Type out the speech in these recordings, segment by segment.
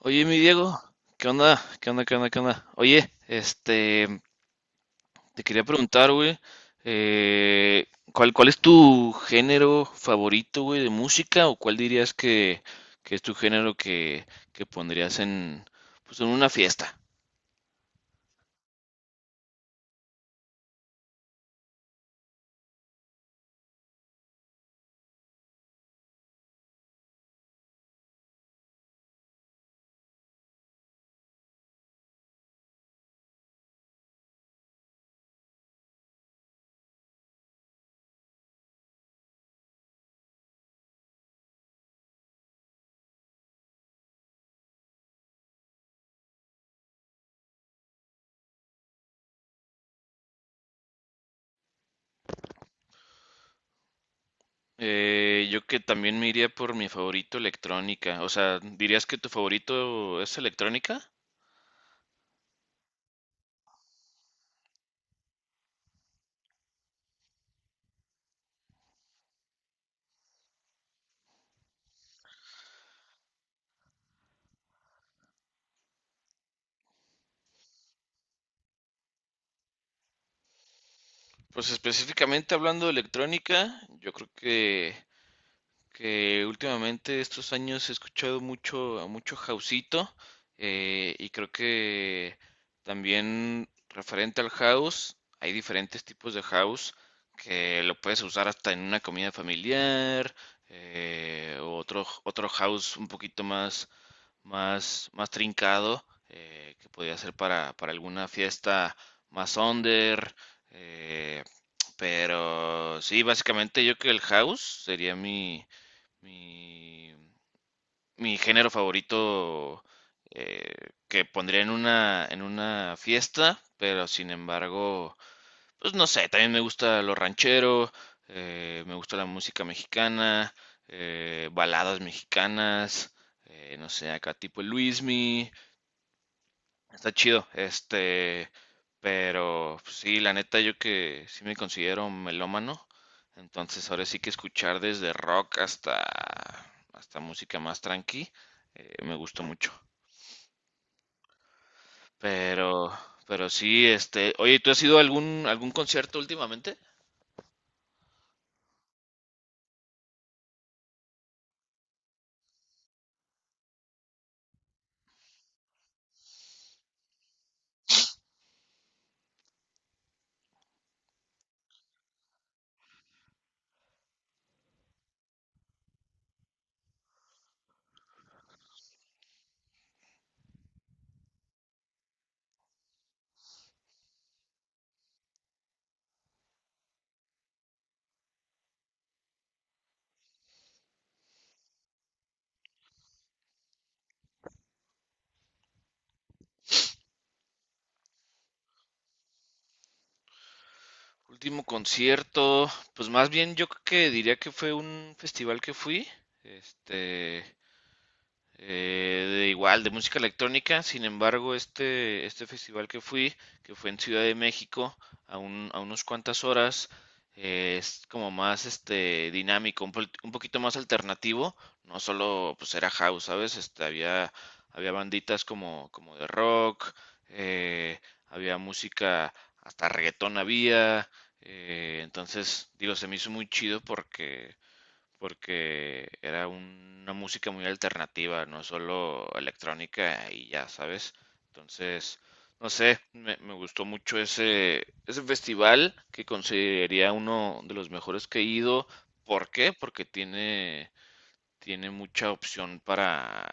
Oye, mi Diego, ¿qué onda? ¿Qué onda? ¿Qué onda? ¿Qué onda? Oye, este, te quería preguntar, güey, eh, ¿cuál es tu género favorito, güey, de música? ¿O cuál dirías que, es tu género que, pondrías en, pues, en una fiesta? Yo que también me iría por mi favorito electrónica. O sea, ¿dirías que tu favorito es electrónica? Pues específicamente hablando de electrónica, yo creo que últimamente estos años he escuchado mucho a mucho houseito, y creo que también referente al house hay diferentes tipos de house que lo puedes usar hasta en una comida familiar, o otro house un poquito más más trincado, que podría ser para alguna fiesta más under. eh, pero sí, básicamente yo creo que el house sería mi, mi, mi género favorito, que pondría en una fiesta. Pero sin embargo, pues no sé, también me gusta lo ranchero, me gusta la música mexicana, baladas mexicanas, no sé, acá tipo Luismi. Está chido, este, pero pues, sí, la neta yo que sí me considero melómano. Entonces ahora sí que escuchar desde rock hasta música más tranqui, me gusta mucho. Pero pero sí, este, oye, ¿tú has ido a algún concierto últimamente? Último concierto, pues más bien yo creo que diría que fue un festival que fui, este, de igual, de música electrónica. Sin embargo, este festival que fui, que fue en Ciudad de México, a, un- a unas cuantas horas, es como más este, dinámico, un, pol- un poquito más alternativo. No solo pues era house, ¿sabes? Este, había, había banditas como, como de rock, eh, había música, hasta reggaetón había. Entonces, digo, se me hizo muy chido porque era una música muy alternativa, no solo electrónica y ya, ¿sabes? Entonces, no sé, me gustó mucho ese, ese festival que consideraría uno de los mejores que he ido. ¿Por qué? Porque tiene, tiene mucha opción para,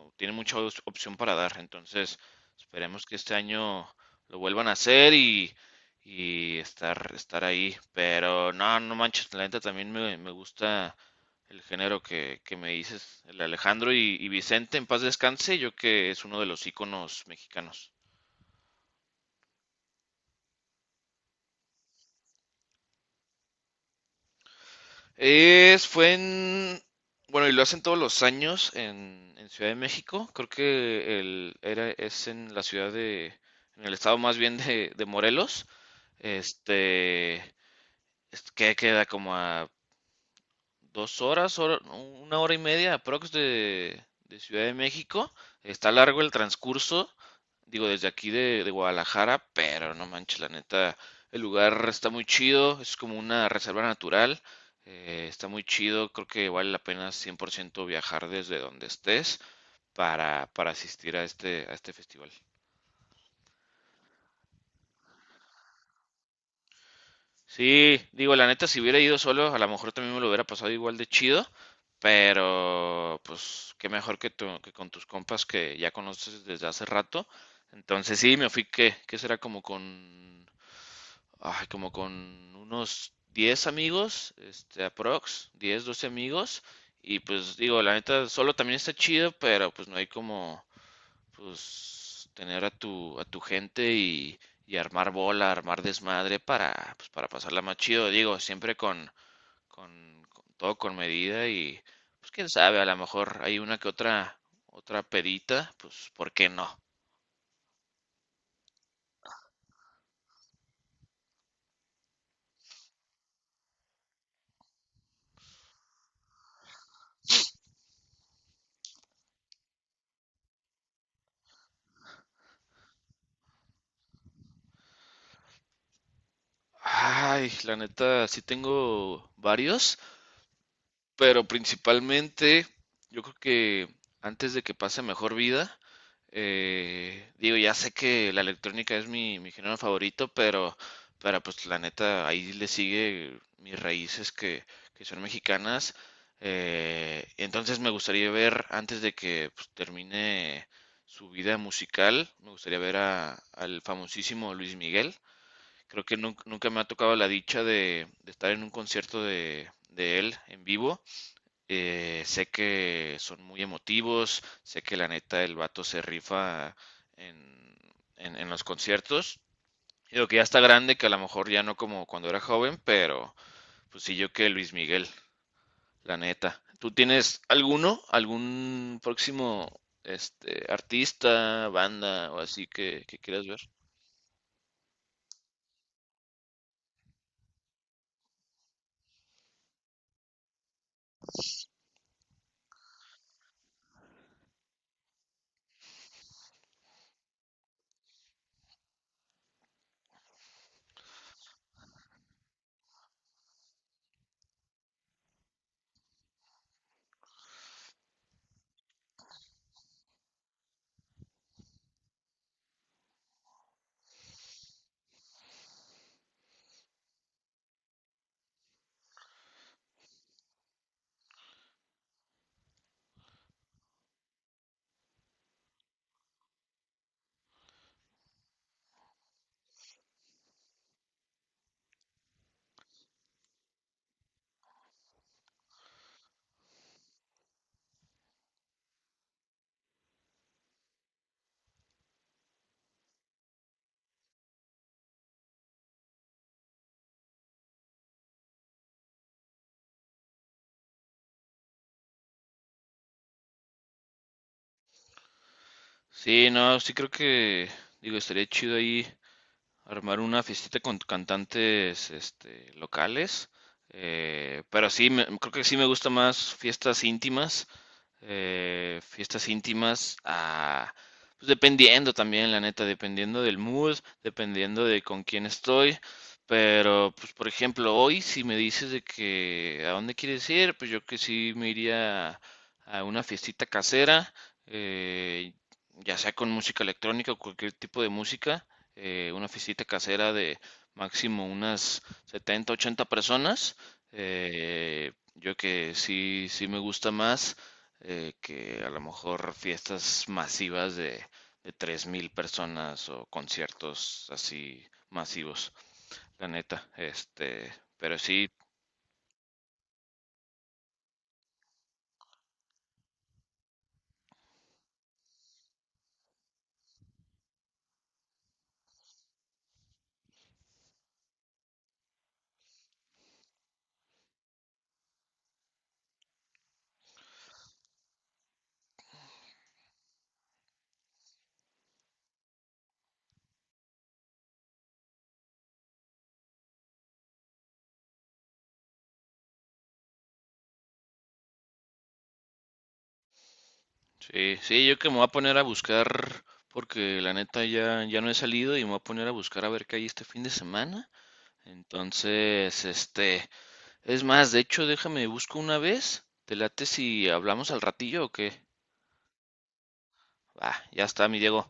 o tiene mucha os- opción para dar. Entonces, esperemos que este año lo vuelvan a hacer y estar, estar ahí. Pero no, no manches, la neta también me gusta el género que me dices, el Alejandro y Vicente, en paz descanse, yo que es uno de los íconos mexicanos. Es, fue en, bueno, y lo hacen todos los años en Ciudad de México. Creo que el, era, es en la ciudad de, en el estado más bien de Morelos. Este, es- que queda como a 2 horas, hora- una hora y media aprox de Ciudad de México. Está largo el transcurso, digo, desde aquí de Guadalajara. Pero no manches, la neta, el lugar está muy chido, es como una reserva natural, está muy chido, creo que vale la pena 100% viajar desde donde estés para asistir a este festival. Sí, digo, la neta, si hubiera ido solo, a lo mejor también me lo hubiera pasado igual de chido, pero pues qué mejor que, tu- que con tus compas que ya conoces desde hace rato. Entonces sí, me fui que será como con, ay, como con unos 10 amigos, este, aprox, 10, 12 amigos, y pues digo, la neta, solo también está chido, pero pues no hay como pues tener a tu gente y armar bola, armar desmadre para, pues, para pasarla más chido, digo, siempre con todo con medida y pues quién sabe, a lo mejor hay una que otra, otra pedita, pues ¿por qué no? Ay, la neta, sí tengo varios. Pero principalmente, yo creo que antes de que pase mejor vida, digo, ya sé que la electrónica es mi, mi género favorito, pero pues la neta, ahí le sigue mis raíces que son mexicanas. Entonces me gustaría ver, antes de que pues, termine su vida musical, me gustaría ver a, al famosísimo Luis Miguel. Creo que nun- nunca, me ha tocado la dicha de estar en un concierto de él en vivo. Sé que son muy emotivos, sé que la neta el vato se rifa en, en los conciertos. Digo que ya está grande, que a lo mejor ya no como cuando era joven, pero pues sí yo que Luis Miguel, la neta. ¿Tú tienes alguno, algún próximo este artista, banda o así que quieras ver? Sí, no, sí creo que, digo, estaría chido ahí armar una fiestita con cantantes este, locales. Pero sí, me- creo que sí me gusta más fiestas íntimas, fiestas íntimas a, pues dependiendo también, la neta, dependiendo del mood, dependiendo de con quién estoy. Pero, pues, por ejemplo, hoy si me dices de que a dónde quieres ir, pues yo que sí me iría a una fiestita casera, eh, ya sea con música electrónica o cualquier tipo de música, una fiestita casera de máximo unas 70, 80 personas. Yo que sí, sí me gusta más, que a lo mejor fiestas masivas de 3.000 personas o conciertos así masivos, la neta. Este, pero sí, sí, sí, yo que me voy a poner a buscar, porque la neta ya, ya no he salido y me voy a poner a buscar a ver qué hay este fin de semana. Entonces, este, es más, de hecho, déjame busco una vez. ¿Te late si hablamos al ratillo o qué? Va, ya está, mi Diego.